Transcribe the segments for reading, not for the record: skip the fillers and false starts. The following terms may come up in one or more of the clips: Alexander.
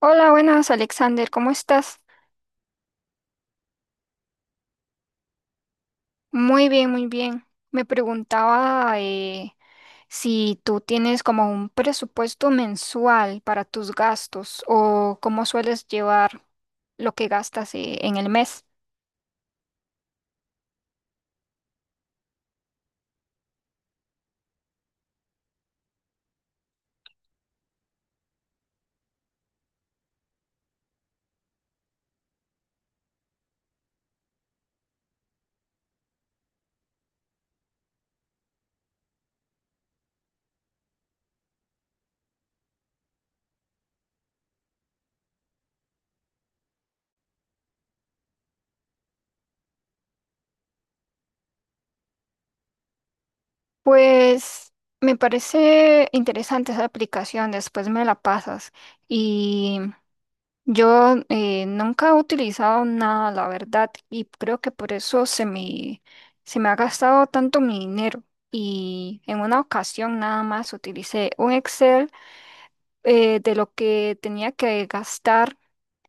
Hola, buenas Alexander, ¿cómo estás? Muy bien, muy bien. Me preguntaba si tú tienes como un presupuesto mensual para tus gastos o cómo sueles llevar lo que gastas en el mes. Pues me parece interesante esa aplicación, después me la pasas. Yo nunca he utilizado nada, la verdad, y creo que por eso se me ha gastado tanto mi dinero. Y en una ocasión nada más utilicé un Excel de lo que tenía que gastar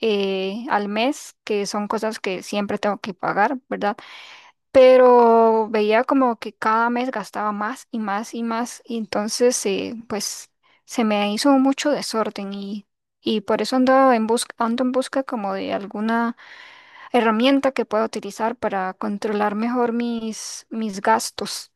al mes, que son cosas que siempre tengo que pagar, ¿verdad? Pero veía como que cada mes gastaba más y más y más, y entonces pues se me hizo mucho desorden, y por eso ando en busca como de alguna herramienta que pueda utilizar para controlar mejor mis gastos.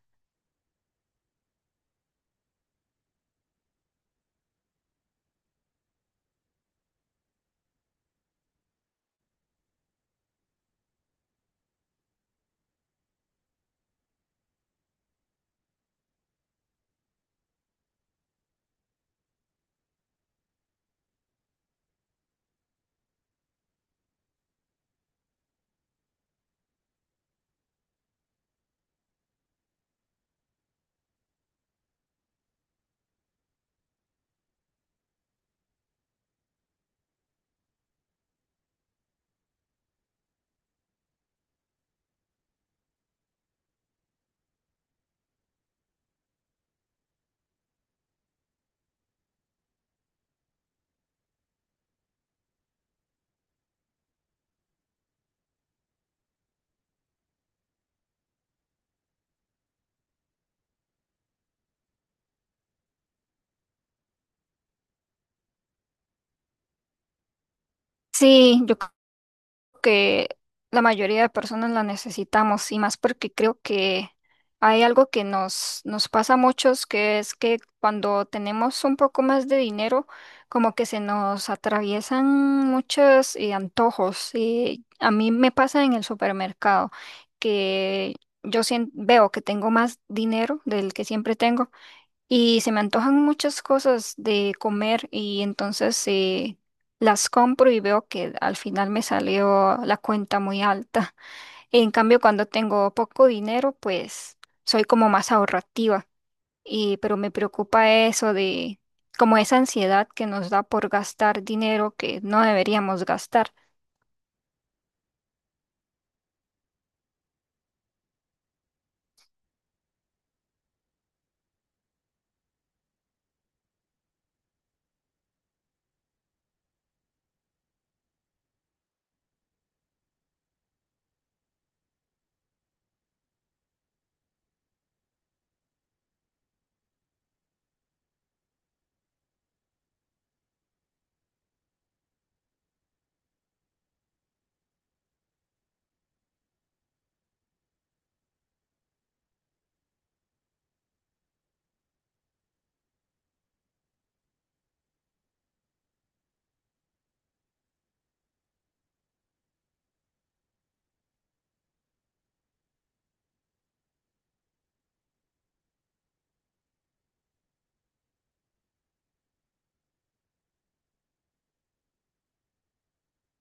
Sí, yo que la mayoría de personas la necesitamos, y más porque creo que hay algo que nos pasa a muchos, que es que cuando tenemos un poco más de dinero, como que se nos atraviesan muchos antojos. Y a mí me pasa en el supermercado que yo veo que tengo más dinero del que siempre tengo. Y se me antojan muchas cosas de comer, y entonces las compro y veo que al final me salió la cuenta muy alta. En cambio, cuando tengo poco dinero, pues soy como más ahorrativa. Y, pero me preocupa eso de como esa ansiedad que nos da por gastar dinero que no deberíamos gastar.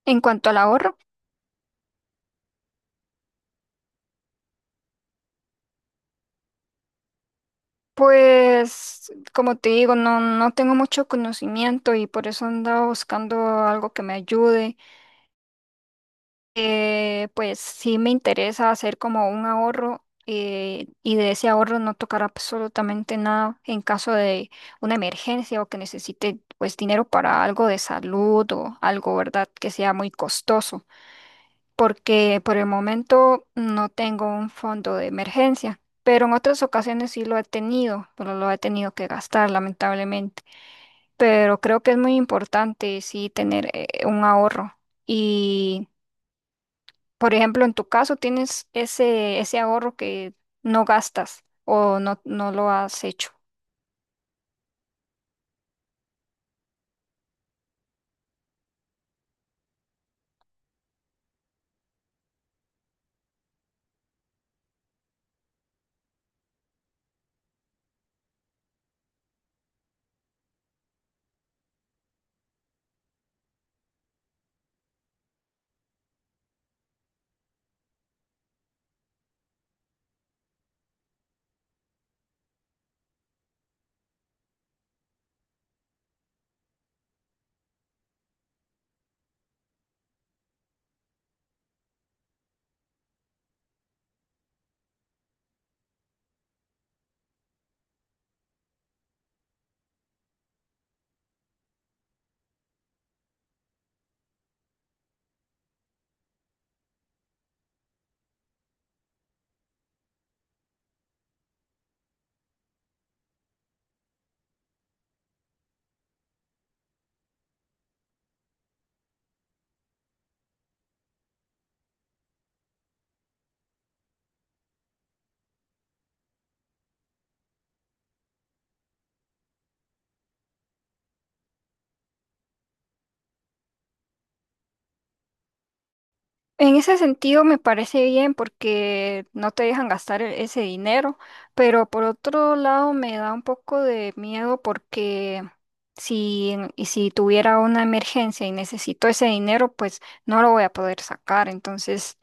En cuanto al ahorro, pues como te digo, no tengo mucho conocimiento, y por eso ando buscando algo que me ayude. Pues sí me interesa hacer como un ahorro, y de ese ahorro no tocar absolutamente nada en caso de una emergencia o que necesite pues dinero para algo de salud o algo, ¿verdad? Que sea muy costoso, porque por el momento no tengo un fondo de emergencia, pero en otras ocasiones sí lo he tenido, pero lo he tenido que gastar lamentablemente, pero creo que es muy importante sí tener un ahorro. Y por ejemplo, en tu caso tienes ese ahorro que no gastas o no lo has hecho. En ese sentido me parece bien porque no te dejan gastar ese dinero, pero por otro lado me da un poco de miedo porque y si tuviera una emergencia y necesito ese dinero, pues no lo voy a poder sacar. Entonces,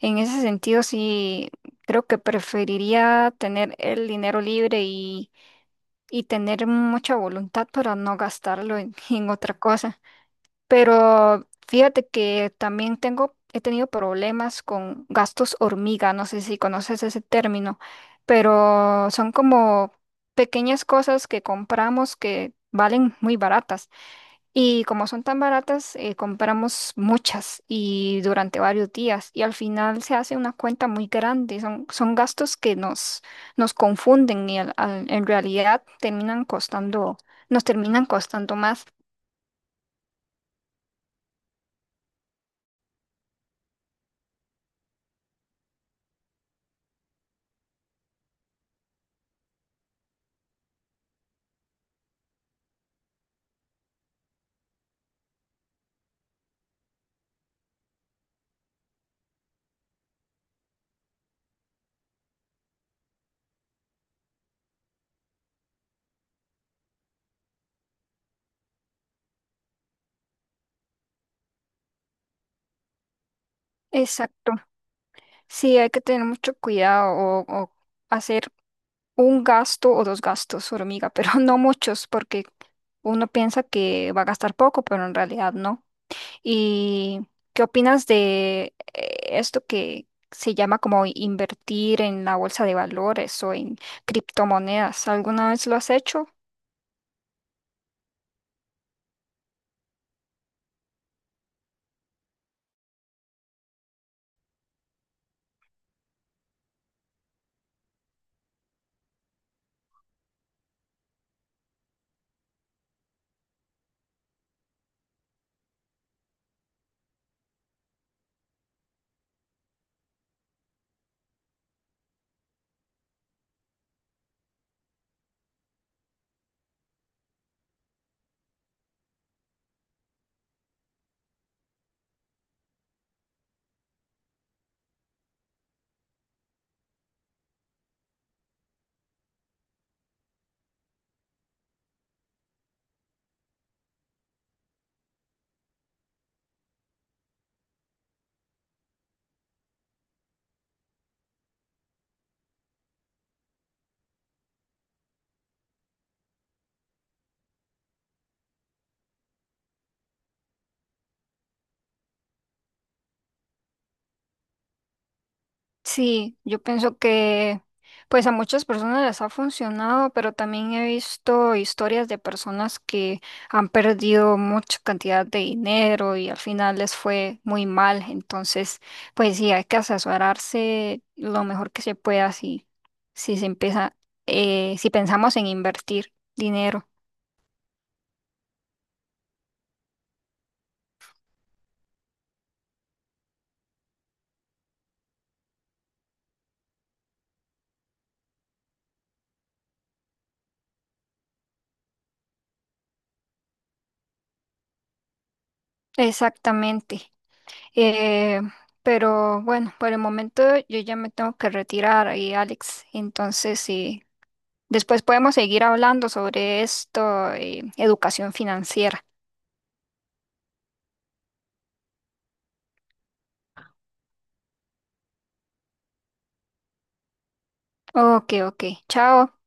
en ese sentido sí creo que preferiría tener el dinero libre y tener mucha voluntad para no gastarlo en, en otra cosa. Pero fíjate que también tengo, he tenido problemas con gastos hormiga, no sé si conoces ese término, pero son como pequeñas cosas que compramos que valen muy baratas. Y como son tan baratas, compramos muchas y durante varios días. Y al final se hace una cuenta muy grande. Son gastos que nos confunden y en realidad terminan costando, nos terminan costando más. Exacto. Sí, hay que tener mucho cuidado, o hacer un gasto o dos gastos, hormiga, pero no muchos porque uno piensa que va a gastar poco, pero en realidad no. ¿Y qué opinas de esto que se llama como invertir en la bolsa de valores o en criptomonedas? ¿Alguna vez lo has hecho? Sí, yo pienso que pues a muchas personas les ha funcionado, pero también he visto historias de personas que han perdido mucha cantidad de dinero y al final les fue muy mal. Entonces, pues sí, hay que asesorarse lo mejor que se pueda si se empieza, si pensamos en invertir dinero. Exactamente. Eh, pero bueno, por el momento yo ya me tengo que retirar ahí, Alex. Entonces, sí. Después podemos seguir hablando sobre esto, educación financiera. Ok, ok. Chao.